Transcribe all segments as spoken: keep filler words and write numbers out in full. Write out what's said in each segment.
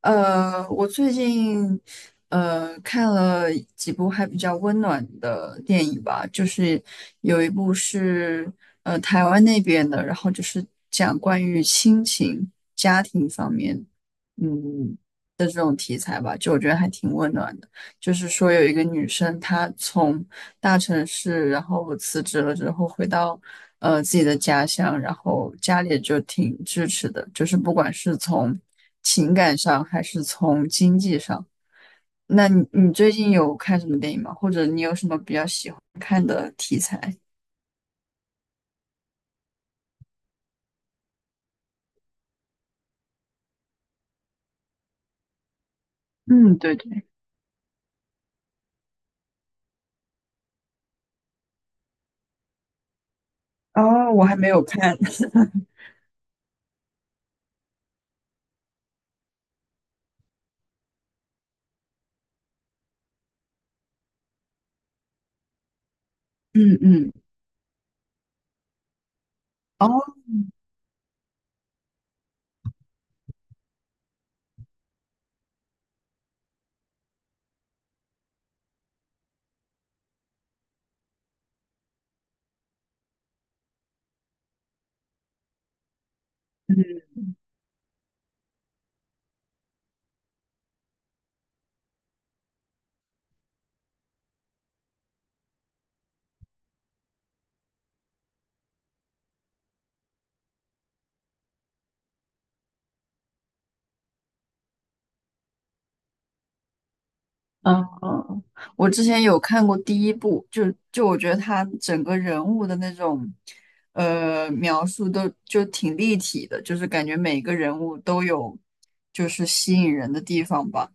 呃，我最近呃看了几部还比较温暖的电影吧，就是有一部是呃台湾那边的，然后就是讲关于亲情、家庭方面，嗯，就是说有一个女生她从大城市，然后辞职了之后回到呃自己的家乡，然后家里就挺支持的，就是不管是从情感上还是从经济上。那你你最近有看什么电影吗？或者你有什么比较喜欢看的题材？嗯，对对。哦，我还没有看。嗯嗯。哦，嗯。嗯，嗯我之前有看过第一部，就就我觉得他整个人物的那种，呃，描述都就挺立体的，就是感觉每个人物都有就是吸引人的地方吧。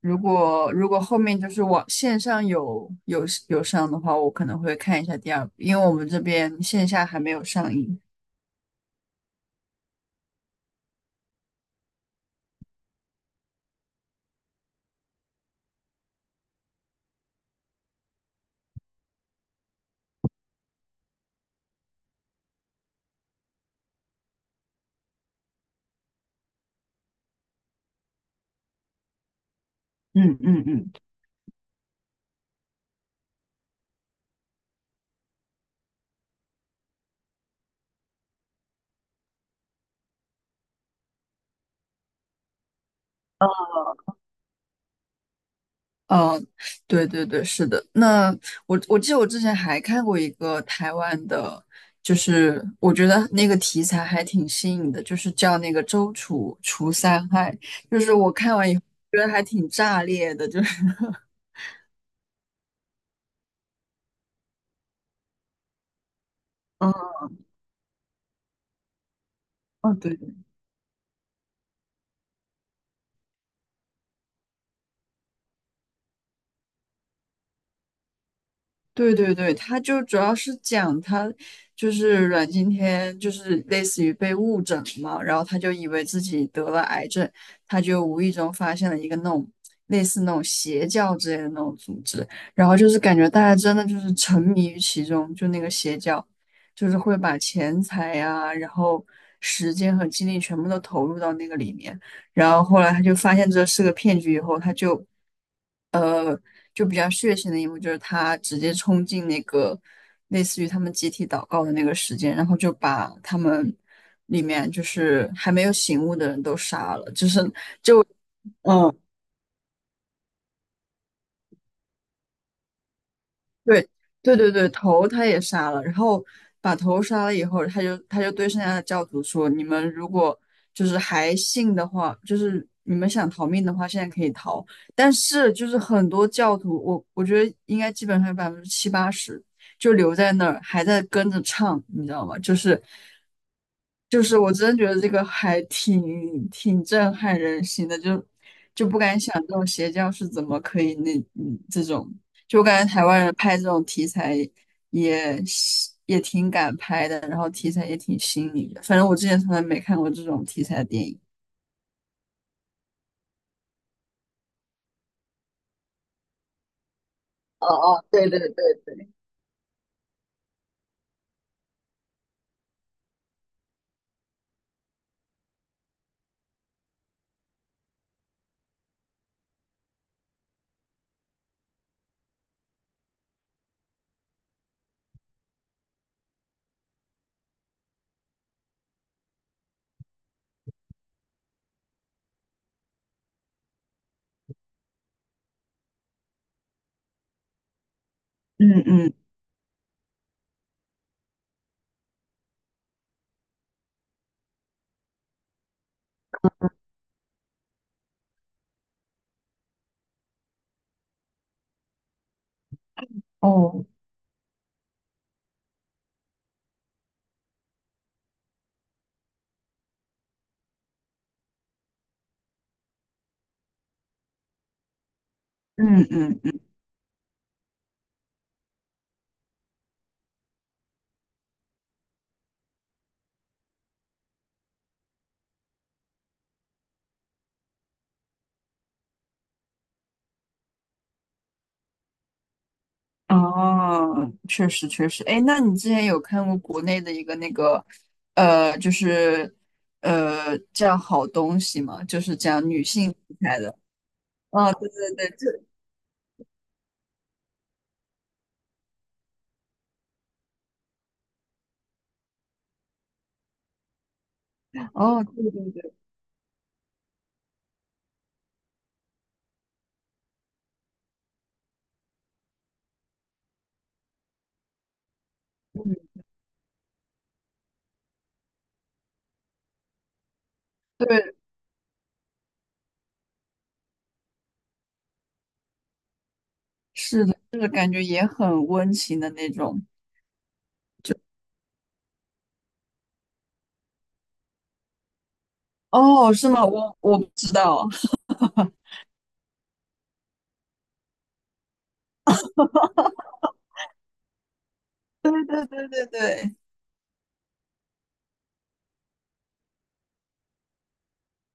如果如果后面就是网线上有有有上的话，我可能会看一下第二部，因为我们这边线下还没有上映。嗯嗯嗯。哦，对对对，是的。那我我记得我之前还看过一个台湾的，就是我觉得那个题材还挺新颖的，就是叫那个《周楚除三害》，就是我看完以后觉得还挺炸裂的，就是 嗯嗯，对。对对对，他就主要是讲他就是阮经天，就是类似于被误诊了嘛，然后他就以为自己得了癌症，他就无意中发现了一个那种类似那种邪教之类的那种组织，然后就是感觉大家真的就是沉迷于其中，就那个邪教，就是会把钱财呀、然后时间和精力全部都投入到那个里面，然后后来他就发现这是个骗局以后，他就就比较血腥的一幕，就是他直接冲进那个类似于他们集体祷告的那个时间，然后就把他们里面就是还没有醒悟的人都杀了，就是。嗯，对对对对，头他也杀了，然后把头杀了以后，他就他就对剩下的教徒说：“你们如果就是还信的话，就是你们想逃命的话，现在可以逃。但是就是很多教徒，我我觉得应该基本上有百分之七八十就留在那儿，还在跟着唱，你知道吗？就是就是我真的觉得这个还挺挺震撼人心的，就就不敢想这种邪教是怎么可以那嗯这种，就我感觉台湾人拍这种题材也也挺敢拍的，然后题材也挺新颖的，反正我之前从来没看过这种题材的电影。哦哦，对对对对，嗯嗯，哦，嗯嗯。哦，确实确实，哎，那你之前有看过国内的一个那个，呃，就是呃叫好东西吗？就是讲女性题材的。哦，对对对，这哦，对对对，嗯，对，是的，就是感觉也很温情的那种。哦，是吗？我我不知道。对对对对对，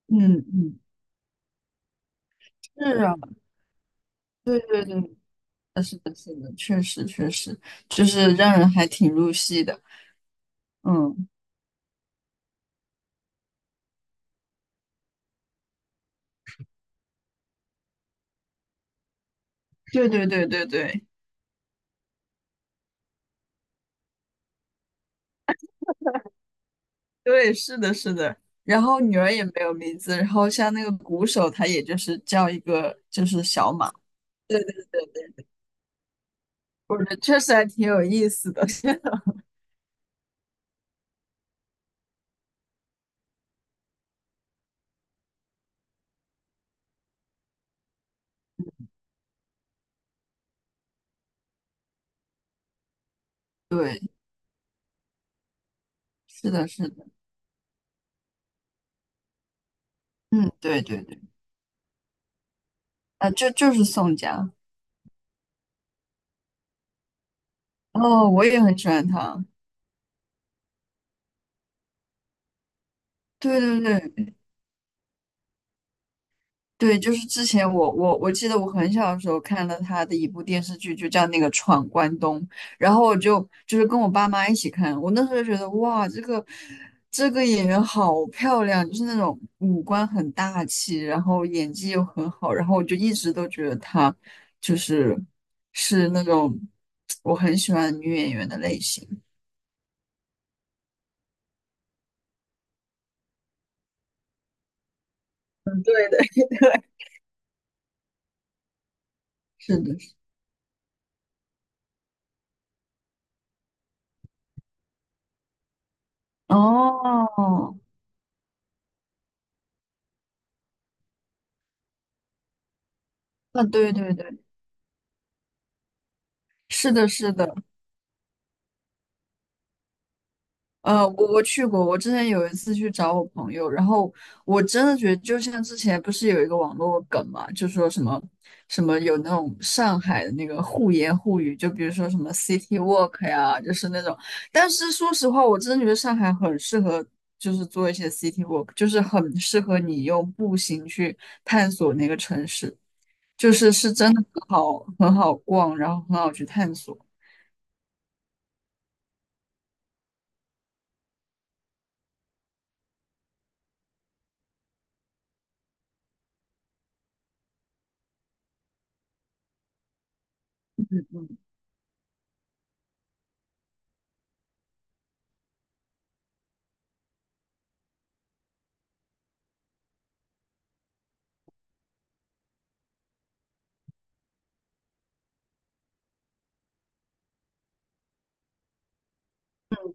嗯嗯，是啊，对对对，是的，是的，确实确实，就是让人还挺入戏的。嗯，对对对对对。对，是的，是的。然后女儿也没有名字，然后像那个鼓手，他也就是叫一个就是小马。对对对对，我觉得确实还挺有意思的。对，是的，是的，嗯，对对对，啊，就就是宋佳，哦，我也很喜欢他。对对对，对，就是之前我我我记得我很小的时候看了他的一部电视剧，就叫那个《闯关东》，然后我就就是跟我爸妈一起看，我那时候就觉得哇，这个这个演员好漂亮，就是那种五官很大气，然后演技又很好，然后我就一直都觉得她就是是那种我很喜欢的女演员的类型。嗯，对的，对，是的，是哦，啊，对对对，是的，是的，呃，我我去过，我之前有一次去找我朋友，然后我真的觉得，就像之前不是有一个网络梗嘛，就说什么什么有那种上海的那个互言互语，就比如说什么 city walk 呀，就是那种。但是说实话，我真的觉得上海很适合，就是做一些 city walk，就是很适合你用步行去探索那个城市，就是是真的很好很好逛，然后很好去探索。嗯嗯。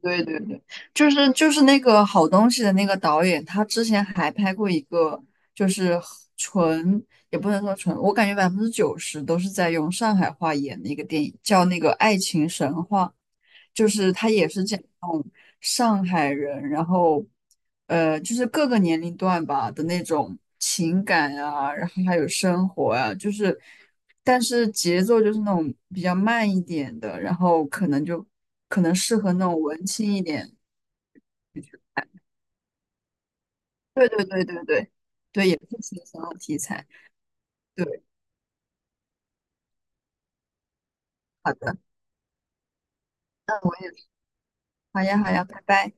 对对对，就是就是那个好东西的那个导演，他之前还拍过一个，就是纯也不能说纯，我感觉百分之九十都是在用上海话演的一个电影，叫那个《爱情神话》。就是他也是这种上海人，然后呃，就是各个年龄段吧的那种情感啊，然后还有生活啊，就是但是节奏就是那种比较慢一点的，然后可能就可能适合那种文青一点。对对对对对对，也是挺想要题材。对，好的，那我也好呀好呀，拜拜。